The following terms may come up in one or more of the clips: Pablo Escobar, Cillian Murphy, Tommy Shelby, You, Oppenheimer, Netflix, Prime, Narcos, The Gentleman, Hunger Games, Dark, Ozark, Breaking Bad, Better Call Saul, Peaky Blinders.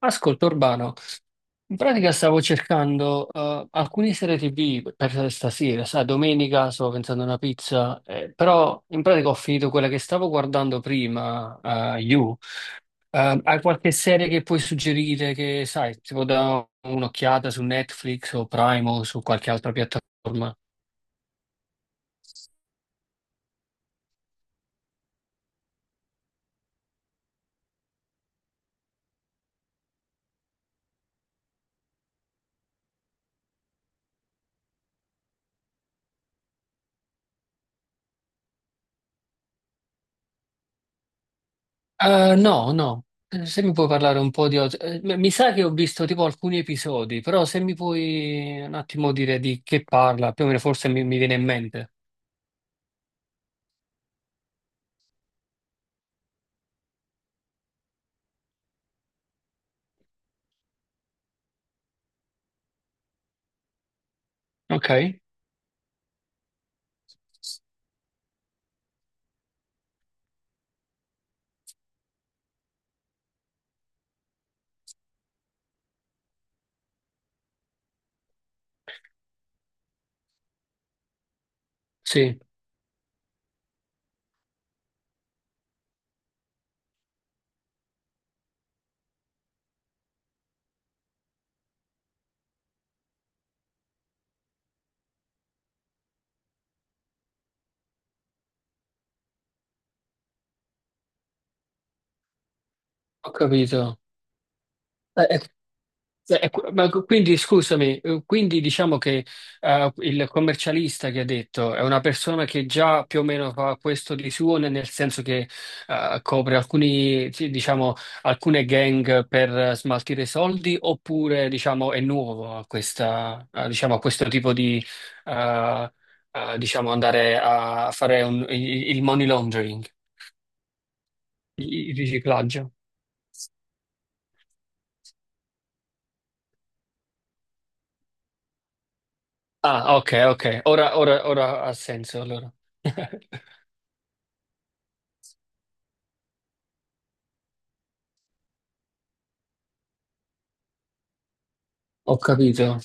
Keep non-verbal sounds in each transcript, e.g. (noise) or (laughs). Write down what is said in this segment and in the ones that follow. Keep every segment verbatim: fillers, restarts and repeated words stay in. Ascolta Urbano, in pratica stavo cercando eh, alcune serie T V per stasera, sai, domenica stavo pensando a una pizza, eh, però in pratica ho finito quella che stavo guardando prima, eh, You. Eh, hai qualche serie che puoi suggerire che, sai, si può dare un'occhiata su Netflix o Prime o su qualche altra piattaforma? Eh, no, no. Eh, se mi puoi parlare un po' di... Oz- eh, m- mi sa che ho visto tipo alcuni episodi, però se mi puoi un attimo dire di che parla, più o meno forse mi, mi viene in mente. Ok? Sì, ho capito. Eh, qu- ma qu- quindi scusami, eh, quindi diciamo che eh, il commercialista che ha detto è una persona che già più o meno fa questo di suo, ne- nel senso che eh, copre alcuni, sì, diciamo, alcune gang per eh, smaltire soldi, oppure diciamo, è nuovo a, questa, a, diciamo, a questo tipo di eh, eh, diciamo, andare a fare un- il il money laundering, il il riciclaggio. Ah, ok, ok, ora ora- ora ha senso allora. (laughs) Ho capito.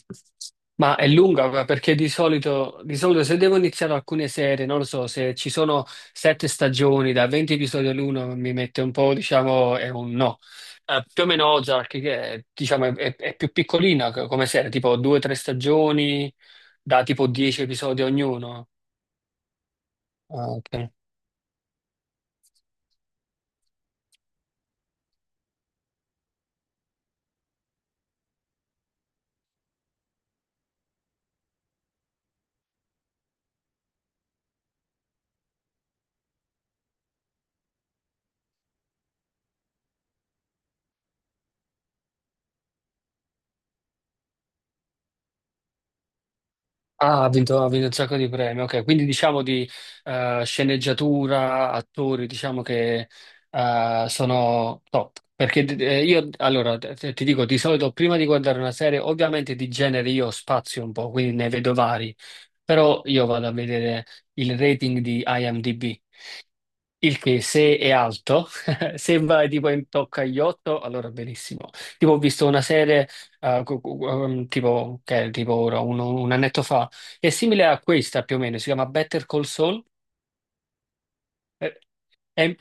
Ma è lunga ma perché di solito, di solito se devo iniziare alcune serie, non lo so, se ci sono sette stagioni da venti episodi all'uno mi mette un po', diciamo, è un no. Eh, più o meno Ozark, che è, diciamo, è, è- è più piccolina co- come serie, tipo due o tre stagioni da tipo dieci episodi ognuno. Ah, ha vinto, ha vinto un sacco di premi, ok. Quindi diciamo di eh, sceneggiatura, attori, diciamo che eh, sono top. Perché eh, io, allora, te- ti dico, di solito prima di guardare una serie, ovviamente di genere io spazio un po', quindi ne vedo vari, però io vado a vedere il rating di IMDb. Il che, se è alto, (laughs) sembra tipo in tocca agli otto, allora benissimo. Tipo, ho visto una serie, eh, cu- cu- um, tipo, che è tipo ora, un, un annetto fa, è simile a questa più o meno, si chiama Better Call Saul, eh, è-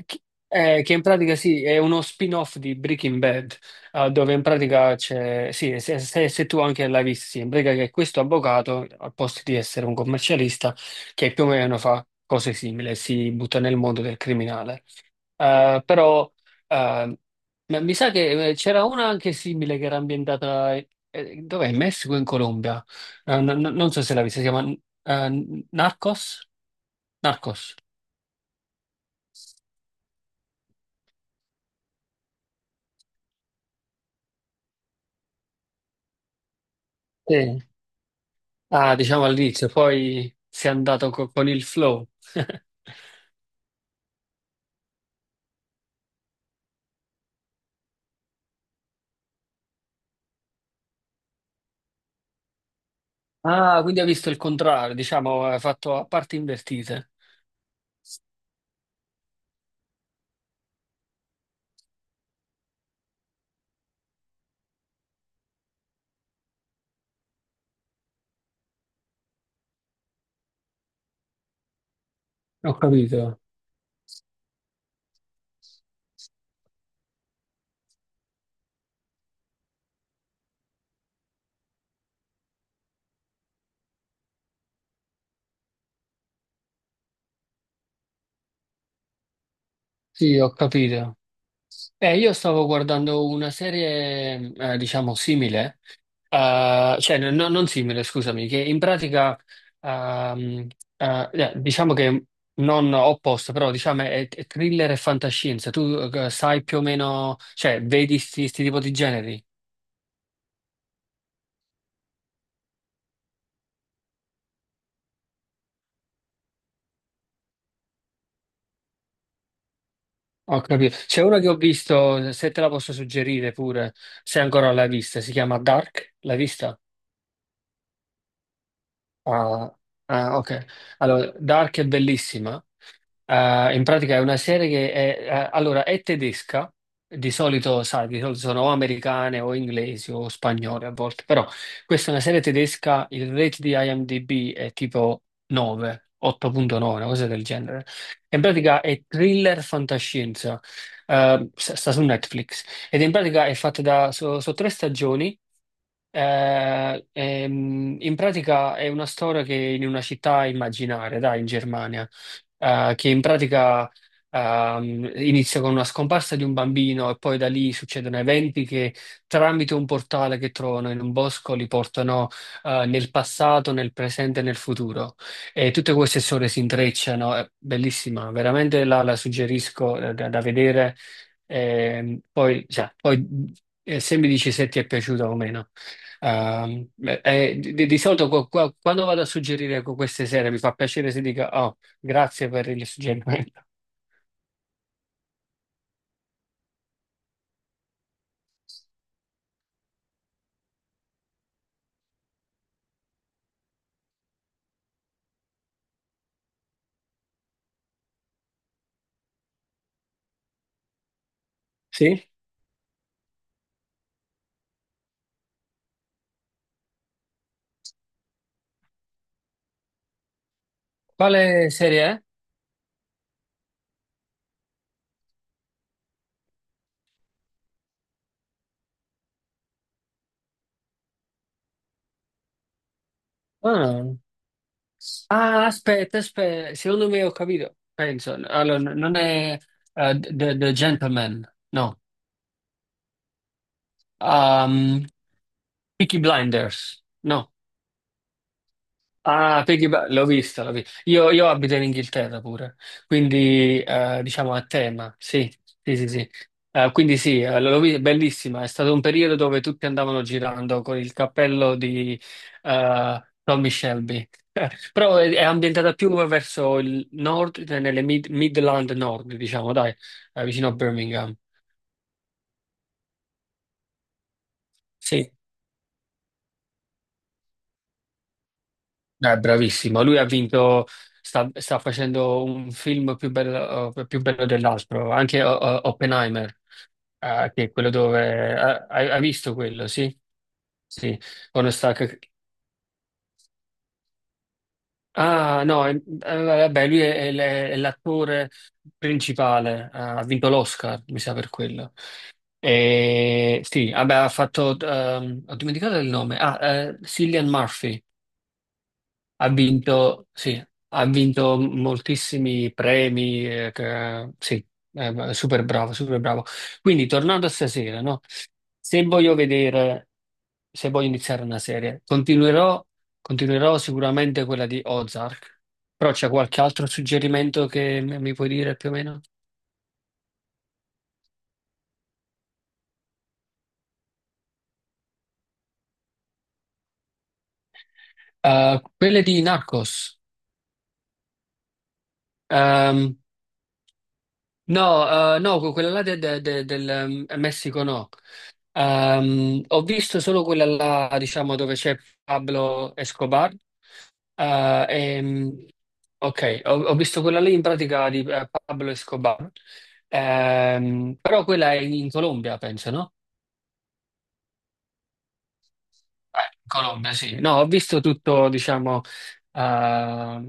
eh, che in pratica sì, è uno spin-off di Breaking Bad, eh, dove in pratica c'è, sì, se, se- se tu anche l'hai visto, sì, in pratica che questo avvocato, al posto di essere un commercialista, che più o meno fa cose simili, si butta nel mondo del criminale. Eh, però eh, ma mi sa che eh, c'era una anche simile che era ambientata eh, dov'è? In Messico o in Colombia? Eh, no- no- non so se l'ha vista, si chiama eh, Narcos? Narcos. Sì. Ah, diciamo all'inizio, poi si è andato co- con il flow. (laughs) Ah, quindi ha visto il contrario, diciamo, ha fatto a parti invertite. Ho capito. Sì, ho capito. Eh, io stavo guardando una serie, eh, diciamo, simile. Eh, cioè, no- no- non simile, scusami, che in pratica, ehm, eh, eh, diciamo che non opposto, però diciamo è, è thriller e fantascienza. Tu eh, sai più o meno, cioè, vedi sti, sti tipo di generi? Ho capito. C'è uno che ho visto, se te la posso suggerire pure, se ancora l'hai vista, si chiama Dark, l'hai vista? Ah, ah, ok. Allora, Dark è bellissima. Eh, in pratica è una serie che è, eh, allora, è tedesca, di solito, sai, di solito sono o americane o inglesi o spagnole a volte, però questa è una serie tedesca, il rate di IMDb è tipo nove, otto virgola nove, una cosa del genere. In pratica è thriller fantascienza, eh, sta sta su Netflix ed in pratica è fatta da, so- so tre stagioni, eh, ehm, in pratica è una storia che in una città immaginaria, dai, in Germania, eh, che in pratica ehm, inizia con una scomparsa di un bambino e poi da lì succedono eventi che tramite un portale che trovano in un bosco li portano eh, nel passato, nel presente e nel futuro. E tutte queste storie si intrecciano, è bellissima, veramente la, la suggerisco eh, da, da vedere. Ehm, poi, cioè, poi eh, se mi dici se ti è piaciuta o meno. Ehm, beh, eh, di, di solito qua- qua- quando vado a suggerire con queste serie mi fa piacere se dica oh, grazie per il suggerimento. (laughs) Sì? Quale serie è? Ah, ah, aspetta, aspetta, secondo me ho capito. Penso, allora, n- non è eh, The, The Gentleman, no. Ehm, Peaky Blinders, no. Ah, Peggy Ba- l'ho vista, l'ho vista. Io, io abito in Inghilterra pure, quindi eh, diciamo a tema, sì, sì, sì, sì. Eh, quindi sì, eh, l'ho vista, bellissima, è stato un periodo dove tutti andavano girando con il cappello di eh, Tommy Shelby. (laughs) Eh, però è, è ambientata più verso il nord, cioè nelle Mid- Midland Nord, diciamo, dai, eh, vicino a Birmingham. Sì. Eh, bravissimo, lui ha vinto, sta, sta facendo un film più bello, eh, più bello dell'altro, anche O- O- Oppenheimer, eh, che è quello dove... eh, hai, hai visto quello, sì? Sì, quando sta... che- ah, no, eh, eh, vabbè, lui è, è- l- è l'attore principale, eh, ha vinto l'Oscar, mi sa per quello. E, sì, vabbè, ha fatto... ehm, ho dimenticato il nome. Ah, eh, Cillian Murphy. Ha vinto, sì, ha vinto moltissimi premi, eh, che- sì, eh, super bravo, super bravo. Quindi, tornando a stasera, no? Se voglio vedere, se voglio iniziare una serie, continuerò, continuerò sicuramente quella di Ozark, però c'è qualche altro suggerimento che mi mi puoi dire più o meno? Uh, quelle di Narcos. Ehm, no, eh, no, quella là de- de- de- del ehm, Messico no. Ehm, ho visto solo quella là, diciamo, dove c'è Pablo Escobar. Eh, ehm, ok, ho, ho visto quella lì in pratica di eh, Pablo Escobar. Ehm, però quella è in Colombia, penso, no? Eh, in Colombia, sì. No, ho visto tutto, diciamo, eh,